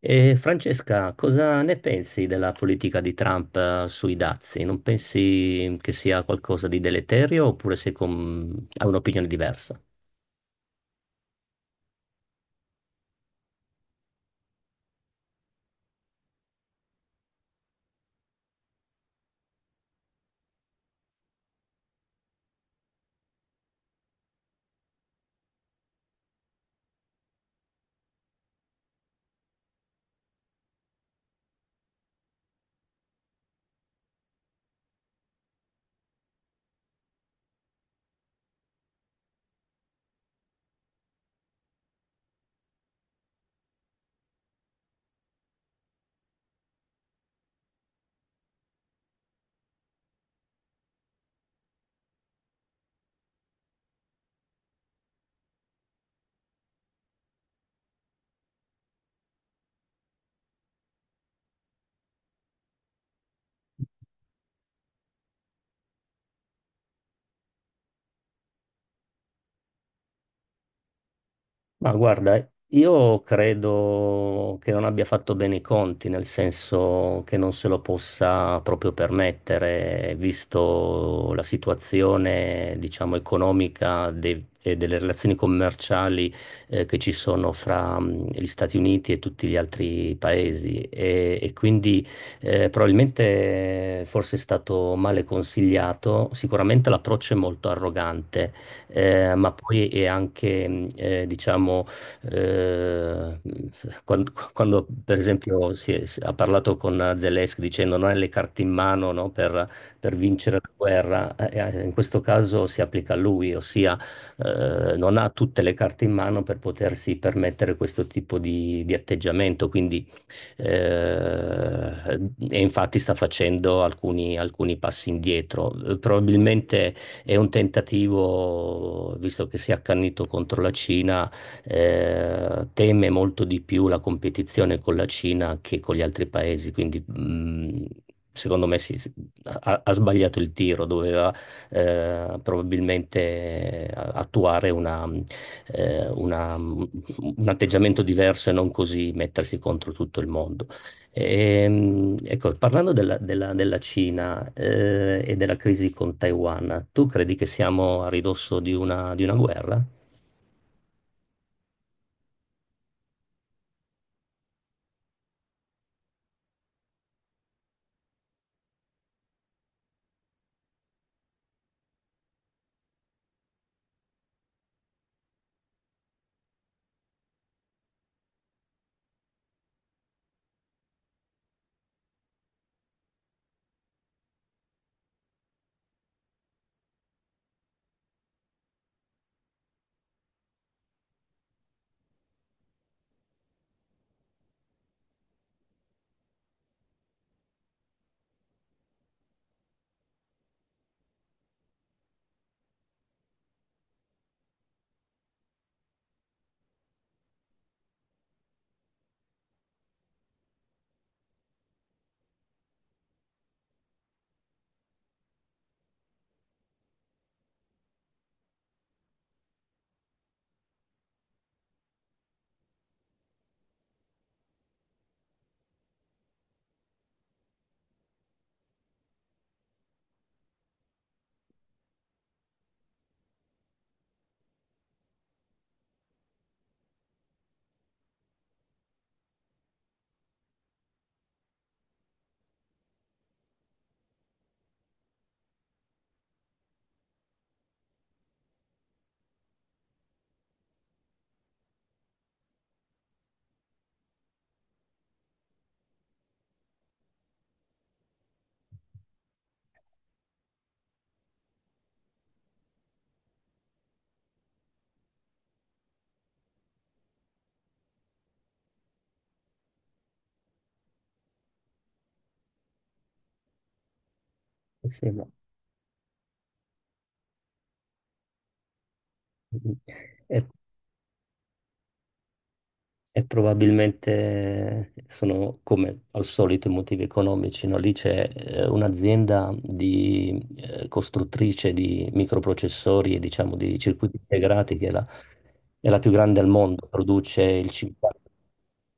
E Francesca, cosa ne pensi della politica di Trump, sui dazi? Non pensi che sia qualcosa di deleterio, oppure hai un'opinione diversa? Ma guarda, io credo che non abbia fatto bene i conti, nel senso che non se lo possa proprio permettere, visto la situazione, diciamo, economica e delle relazioni commerciali, che ci sono fra gli Stati Uniti e tutti gli altri paesi. E quindi, probabilmente forse è stato male consigliato. Sicuramente l'approccio è molto arrogante, ma poi è anche, diciamo, eh, mm, quando, per esempio, ha parlato con Zelensky dicendo: non hai le carte in mano, no, per vincere la guerra. In questo caso si applica a lui, ossia non ha tutte le carte in mano per potersi permettere questo tipo di atteggiamento, quindi e infatti sta facendo alcuni passi indietro. Probabilmente è un tentativo, visto che si è accannito contro la Cina. Teme molto di più la competizione con la Cina che con gli altri paesi, quindi secondo me ha sbagliato il tiro, doveva probabilmente attuare eh, una- un atteggiamento diverso, e non così mettersi contro tutto il mondo. Ecco, parlando della Cina, e della crisi con Taiwan, tu credi che siamo a ridosso di una guerra? Sì, E E probabilmente sono come al solito i motivi economici, no? Lì c'è un'azienda di costruttrice di microprocessori e diciamo di circuiti integrati che è la più grande al mondo, produce il 50.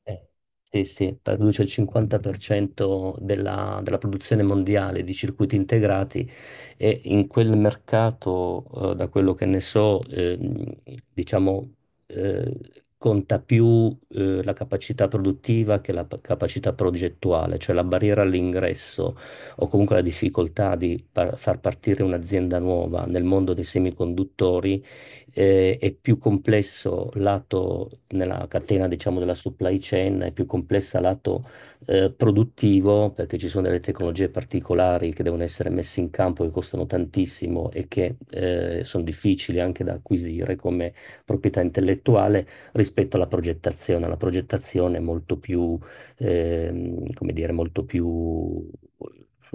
Eh, Sì, sì, produce il 50% della produzione mondiale di circuiti integrati, e in quel mercato, da quello che ne so, diciamo, eh, conta più, la capacità produttiva che capacità progettuale, cioè la barriera all'ingresso o comunque la difficoltà far partire un'azienda nuova nel mondo dei semiconduttori è più complesso lato nella catena, diciamo, della supply chain, è più complessa lato produttivo, perché ci sono delle tecnologie particolari che devono essere messe in campo, che costano tantissimo e che sono difficili anche da acquisire come proprietà intellettuale rispetto alla progettazione. La progettazione è come dire, molto più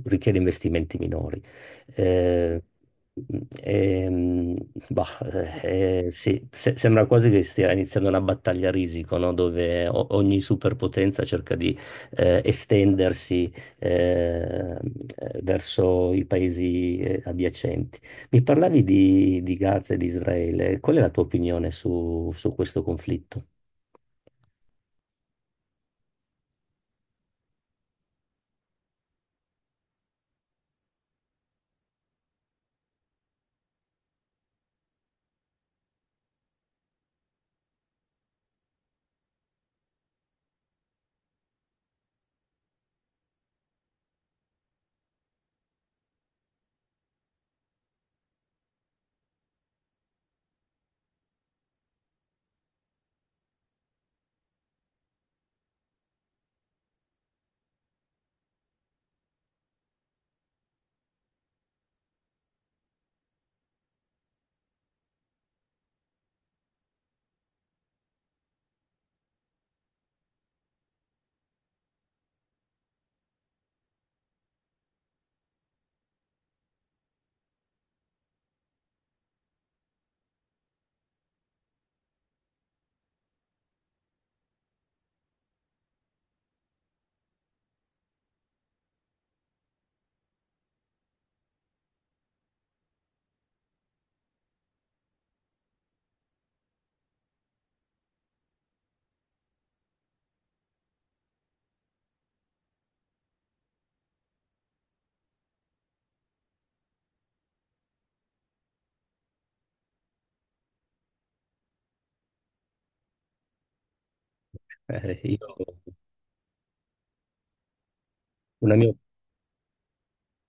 richiede investimenti minori. Eh, ehm, bah, sì, sembra quasi che stia iniziando una battaglia a risico, no? Dove ogni superpotenza cerca di estendersi eh, verso i paesi adiacenti. Mi parlavi di Gaza e di Israele, qual è la tua opinione su questo conflitto? Io, una mia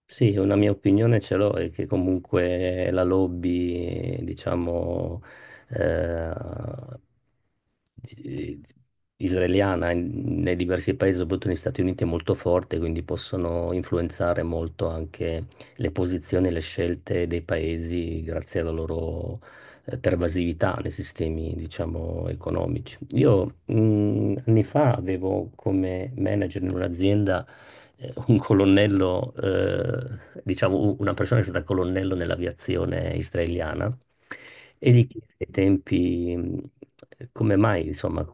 Sì, una mia opinione ce l'ho, è che comunque la lobby, diciamo, eh, eh, israeliana nei diversi paesi, soprattutto negli Stati Uniti, è molto forte, quindi possono influenzare molto anche le posizioni e le scelte dei paesi grazie alla loro pervasività nei sistemi, diciamo, economici. Io anni fa avevo come manager in un'azienda un colonnello, diciamo una persona che è stata colonnello nell'aviazione israeliana, e gli chiesi ai tempi come mai, insomma,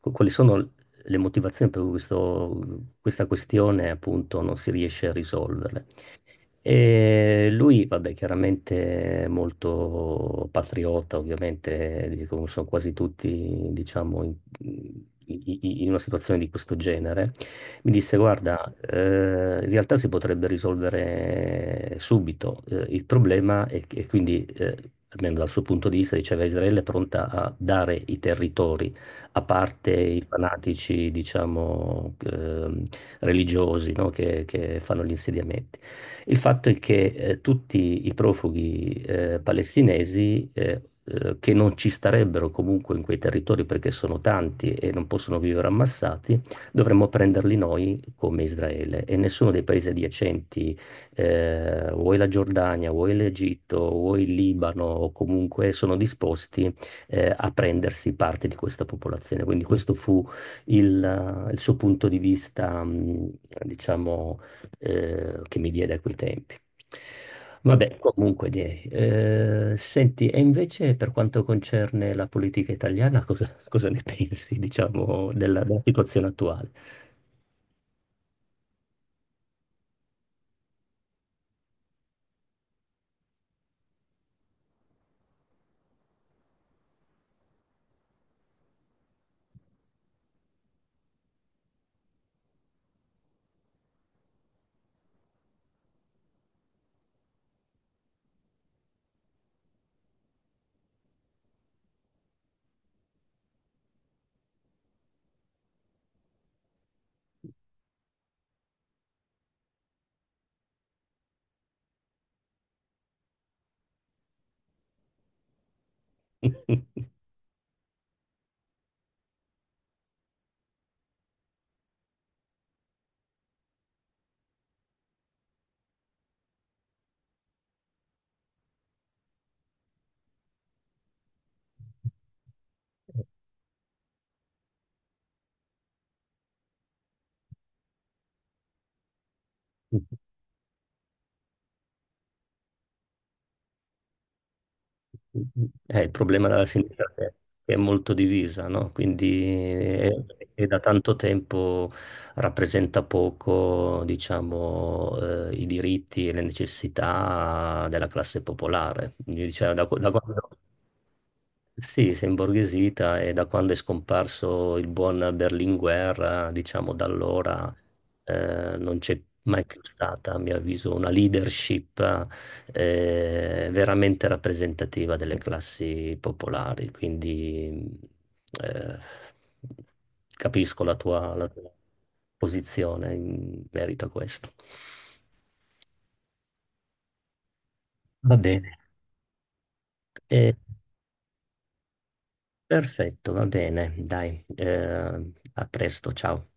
quali sono le motivazioni per cui questa questione appunto non si riesce a risolvere. E lui, vabbè, chiaramente molto patriota, ovviamente, come sono quasi tutti, diciamo, in una situazione di questo genere, mi disse: guarda, in realtà si potrebbe risolvere subito il problema, e quindi, almeno dal suo punto di vista, diceva: Israele è pronta a dare i territori, a parte i fanatici, diciamo, religiosi, no, che fanno gli insediamenti. Il fatto è che tutti i profughi palestinesi che non ci starebbero comunque in quei territori perché sono tanti e non possono vivere ammassati, dovremmo prenderli noi come Israele, e nessuno dei paesi adiacenti, o la Giordania, o l'Egitto, o il Libano, o comunque, sono disposti a prendersi parte di questa popolazione. Quindi questo fu il suo punto di vista, diciamo, che mi diede a quei tempi. Vabbè, comunque, direi. Senti, e invece per quanto concerne la politica italiana, cosa ne pensi, diciamo, della situazione attuale? Il problema della sinistra è che è molto divisa, no? Quindi eh, e da tanto tempo rappresenta poco, diciamo, i diritti e le necessità della classe popolare. Quindi, diciamo, da quando, sì, si è imborghesita, e da quando è scomparso il buon Berlinguer, diciamo da allora non c'è mai più stata, a mio avviso, una leadership veramente rappresentativa delle classi popolari. Quindi eh, capisco la tua posizione in merito a questo. Va bene. Eh, perfetto, va bene, dai, a presto, ciao.